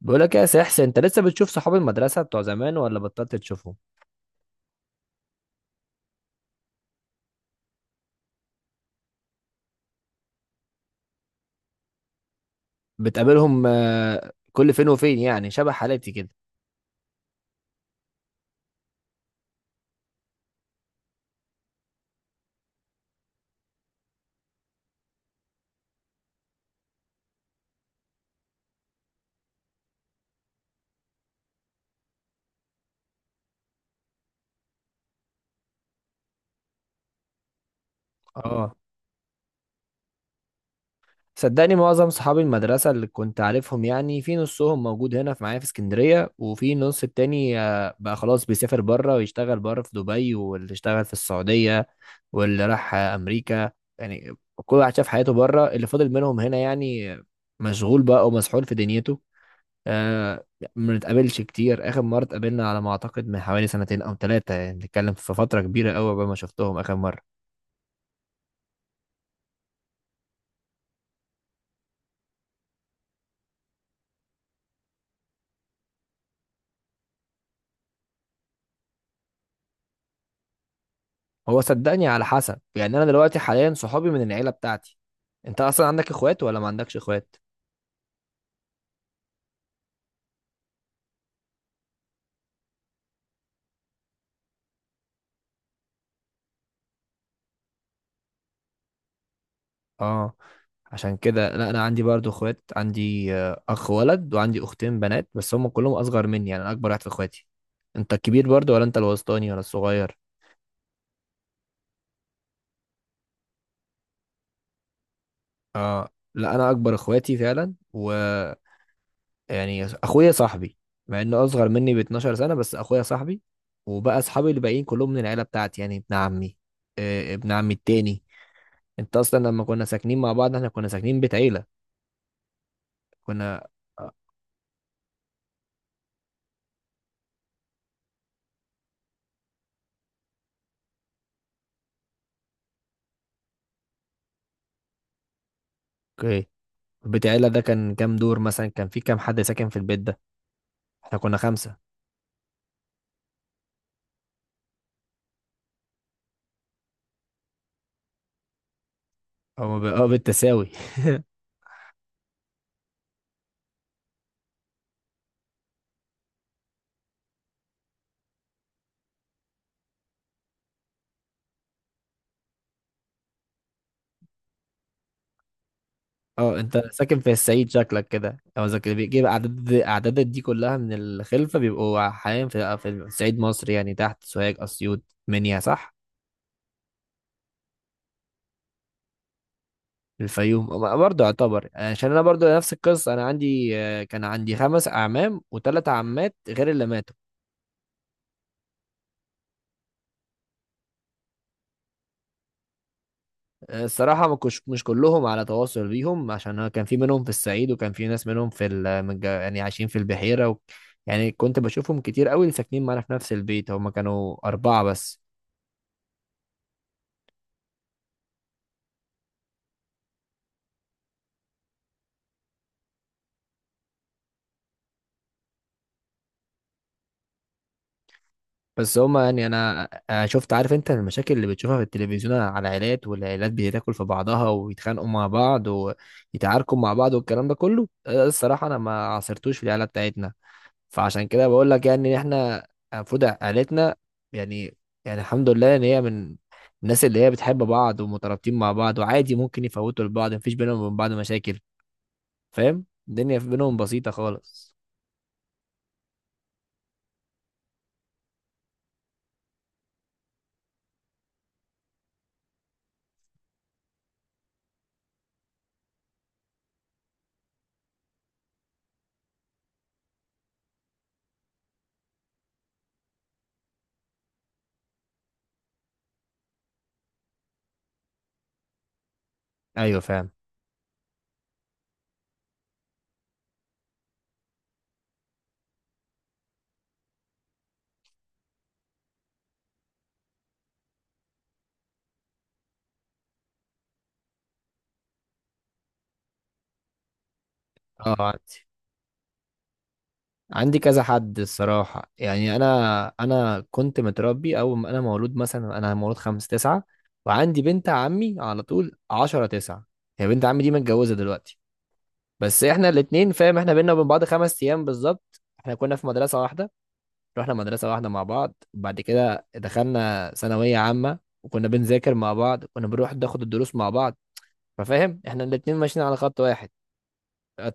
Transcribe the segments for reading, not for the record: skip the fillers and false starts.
بقول لك يا سحس، انت لسه بتشوف صحاب المدرسه بتوع زمان ولا بطلت تشوفهم؟ بتقابلهم، كل فين وفين، يعني شبه حالتي كده. اه، صدقني معظم صحاب المدرسه اللي كنت عارفهم، يعني في نصهم موجود هنا في معايا في اسكندريه، وفي نص التاني بقى خلاص بيسافر بره ويشتغل بره في دبي، واللي اشتغل في السعوديه، واللي راح امريكا. يعني كل واحد شاف حياته بره. اللي فضل منهم هنا يعني مشغول بقى ومسحول في دنيته. آه. ما نتقابلش كتير، اخر مره اتقابلنا على ما اعتقد من حوالي سنتين او ثلاثه، يعني بنتكلم في فتره كبيره قوي قبل ما شفتهم اخر مره. هو صدقني على حسب، يعني انا دلوقتي حاليا صحابي من العيله بتاعتي. انت اصلا عندك اخوات ولا ما عندكش اخوات؟ اه، عشان كده. لا انا عندي برضو اخوات، عندي اخ ولد وعندي اختين بنات، بس هم كلهم اصغر مني، يعني انا اكبر واحد في اخواتي. انت الكبير برضو ولا انت الوسطاني ولا الصغير؟ اه، لا انا اكبر اخواتي فعلا، و يعني اخويا صاحبي. مع انه اصغر مني ب 12 سنه، بس اخويا صاحبي. وبقى اصحابي اللي باقيين كلهم من العيله بتاعتي، يعني ابن عمي، ابن عمي التاني. انت اصلا لما كنا ساكنين مع بعض احنا كنا ساكنين بيت عيله. كنا. اوكي. بيت عيله ده كان كام دور؟ مثلا كان في كام حد ساكن في البيت ده؟ احنا كنا خمسه. او اه، بالتساوي. اه، انت ساكن في الصعيد شكلك كده، او اذا كده بيجيب اعدادات دي كلها من الخلفه، بيبقوا حاليا في صعيد مصر، يعني تحت سوهاج، اسيوط، منيا، صح؟ الفيوم أما برضه يعتبر. عشان انا برضه نفس القصه، انا عندي آه، كان عندي 5 اعمام و3 عمات غير اللي ماتوا. الصراحه، ما كنتش، مش كلهم على تواصل بيهم، عشان أنا كان في منهم في الصعيد، وكان في ناس منهم في ال- من الج- يعني عايشين في البحيره. و... يعني كنت بشوفهم كتير قوي، اللي ساكنين معانا في نفس البيت هما كانوا اربعه بس. بس هما، يعني انا، أنا شفت، عارف انت، المشاكل اللي بتشوفها في التلفزيون على العائلات، والعائلات بتاكل في بعضها ويتخانقوا مع بعض، ويتعاركوا مع بعض والكلام ده كله. ده الصراحه انا ما عاصرتوش في العائله بتاعتنا. فعشان كده بقول لك، يعني إن احنا المفروض عائلتنا، يعني يعني الحمد لله ان هي من الناس اللي هي بتحب بعض ومترابطين مع بعض، وعادي ممكن يفوتوا لبعض، مفيش بينهم وبين بعض مشاكل. فاهم؟ الدنيا بينهم بسيطه خالص. ايوه، فاهم. اه، عندي كذا حد الصراحة، يعني أنا كنت متربي. أول ما أنا مولود، مثلا أنا مولود خمس تسعة. وعندي بنت عمي على طول عشرة تسعة. هي بنت عمي دي متجوزة دلوقتي. بس إحنا الاتنين، فاهم، إحنا بينا وبين بعض 5 أيام بالظبط. إحنا كنا في مدرسة واحدة، رحنا مدرسة واحدة مع بعض. بعد كده دخلنا ثانوية عامة، وكنا بنذاكر مع بعض، كنا بنروح ناخد الدروس مع بعض. ففاهم، إحنا الاتنين ماشيين على خط واحد.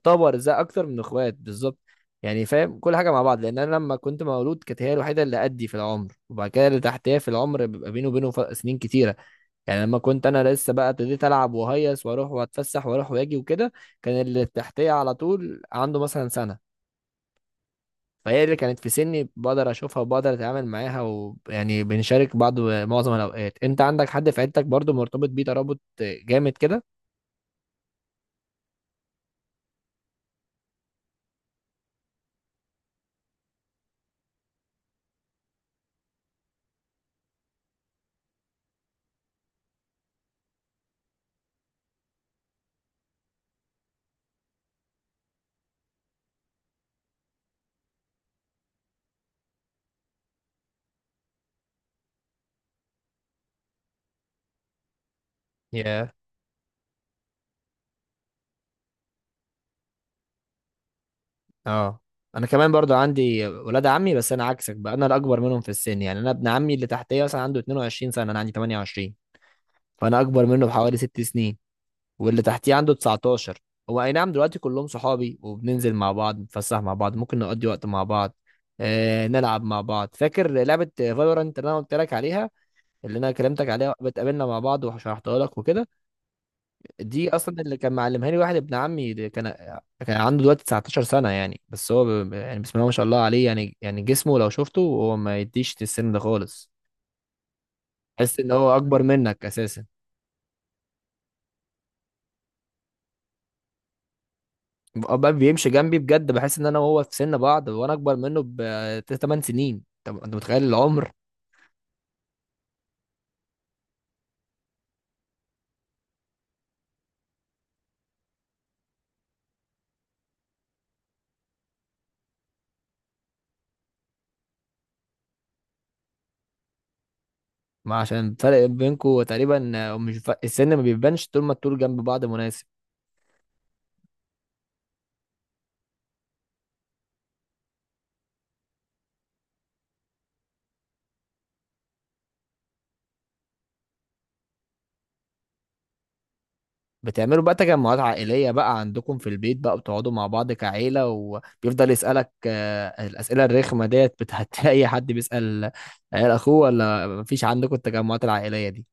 طاب، وارزاق اكتر من اخوات بالظبط. يعني فاهم، كل حاجه مع بعض، لان انا لما كنت مولود كانت هي الوحيده اللي قدي في العمر، وبعد كده اللي تحتيها في العمر بيبقى بينه وبينه سنين كتيره. يعني لما كنت انا لسه بقى ابتديت العب وهيص واروح واتفسح واروح واجي وكده، كان اللي تحتيه على طول عنده مثلا سنه. فهي اللي كانت في سني، بقدر اشوفها وبقدر اتعامل معاها، ويعني بنشارك بعض معظم الاوقات. انت عندك حد في عيلتك برضو مرتبط بيه ترابط جامد كده؟ اه، انا كمان برضو عندي ولاد عمي، بس انا عكسك بقى، انا الاكبر منهم في السن. يعني انا ابن عمي اللي تحتيه مثلا عنده 22 سنه، انا عندي 28. فانا اكبر منه بحوالي 6 سنين. واللي تحتيه عنده 19. هو، اي نعم، دلوقتي كلهم صحابي، وبننزل مع بعض، نتفسح مع بعض، ممكن نقضي وقت مع بعض، نلعب مع بعض. فاكر لعبه فالورانت اللي انا قلت لك عليها، اللي انا كلمتك عليها، بتقابلنا مع بعض وشرحتها لك وكده. دي اصلا اللي كان معلمها لي واحد ابن عمي ده. كان عنده دلوقتي 19 سنه يعني، بس هو يعني بسم الله ما شاء الله عليه، يعني جسمه لو شفته هو ما يديش السن ده خالص. تحس ان هو اكبر منك اساسا. بقى بيمشي جنبي بجد، بحس ان انا وهو في سن بعض، وانا اكبر منه ب 8 سنين. طب انت متخيل العمر؟ ما عشان الفرق بينكم تقريبا، مش السن ما بيبانش طول ما الطول جنب بعض مناسب. بتعملوا بقى تجمعات عائلية بقى عندكم في البيت؟ بقى بتقعدوا مع بعض كعيلة، وبيفضل يسألك الأسئلة الرخمة ديت بتاعت أي حد بيسأل عيال أخوه، ولا مفيش عندكم التجمعات العائلية دي؟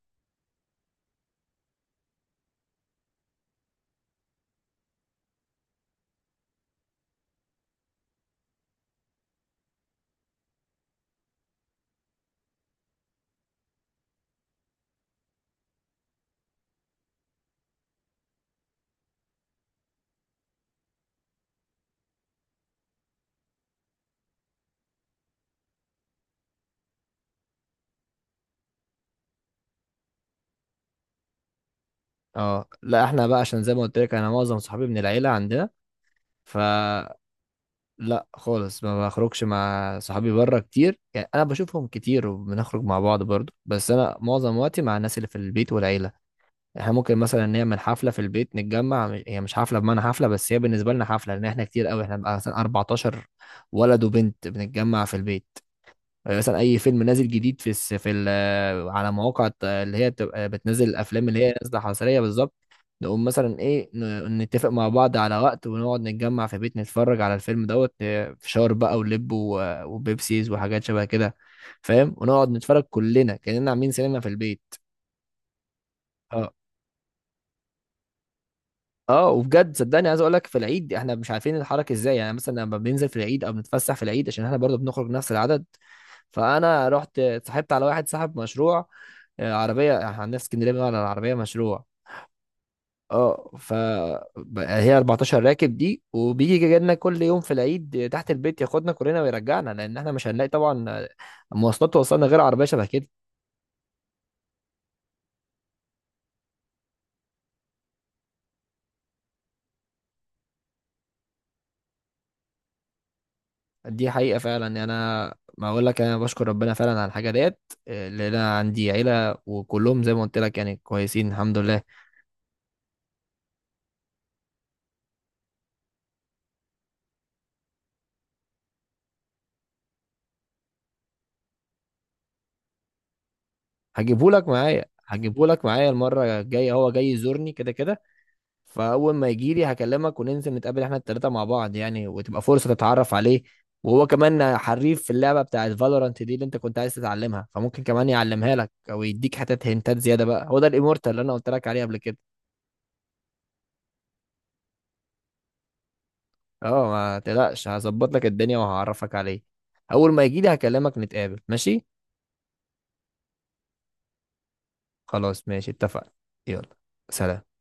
اه، لا، احنا بقى عشان زي ما قلت لك انا معظم صحابي من العيلة عندنا، فلا خالص ما بخرجش مع صحابي بره كتير. يعني انا بشوفهم كتير وبنخرج مع بعض برضو، بس انا معظم وقتي مع الناس اللي في البيت والعيلة. احنا ممكن مثلا نعمل حفله في البيت، نتجمع هي مش حفله بمعنى حفله، بس هي بالنسبه لنا حفله، لان احنا كتير قوي، احنا بقى مثلا 14 ولد وبنت بنتجمع في البيت. مثلا اي فيلم نازل جديد في الس... في ال... على مواقع اللي هي بتبقى بتنزل الافلام اللي هي نازله حصريه بالظبط، نقوم مثلا ايه نتفق مع بعض على وقت، ونقعد نتجمع في بيت، نتفرج على الفيلم دوت فشار بقى ولب وبيبسيز وحاجات شبه كده، فاهم؟ ونقعد نتفرج كلنا كأننا عاملين سينما في البيت. آه. اه، وبجد صدقني، عايز اقول لك، في العيد احنا مش عارفين نتحرك ازاي. يعني مثلا لما بننزل في العيد او بنتفسح في العيد، عشان احنا برضه بنخرج نفس العدد. فانا رحت اتصاحبت على واحد صاحب مشروع. عربيه، احنا عندنا في اسكندريه بنقول على العربيه مشروع. اه، هي 14 راكب دي، وبيجي جاي لنا كل يوم في العيد تحت البيت، ياخدنا كلنا ويرجعنا، لان احنا مش هنلاقي طبعا مواصلات توصلنا غير عربيه شبه كده. دي حقيقة فعلا، يعني أنا ما أقول لك، أنا بشكر ربنا فعلا على الحاجة ديت، اللي أنا عندي عيلة وكلهم زي ما قلت لك يعني كويسين الحمد لله. هجيبهولك معايا المرة الجاية، هو جاي يزورني كده كده. فأول ما يجيلي هكلمك وننزل نتقابل إحنا التلاتة مع بعض، يعني وتبقى فرصة تتعرف عليه. وهو كمان حريف في اللعبة بتاعة فالورانت دي، اللي أنت كنت عايز تتعلمها، فممكن كمان يعلمها لك أو يديك حتت هنتات زيادة. بقى هو ده الإيمورتال اللي أنا قلت لك عليه قبل كده. اه، ما تقلقش، هظبط لك الدنيا وهعرفك عليه. اول ما يجي لي هكلمك نتقابل، ماشي؟ خلاص، ماشي، اتفقنا. يلا، سلام.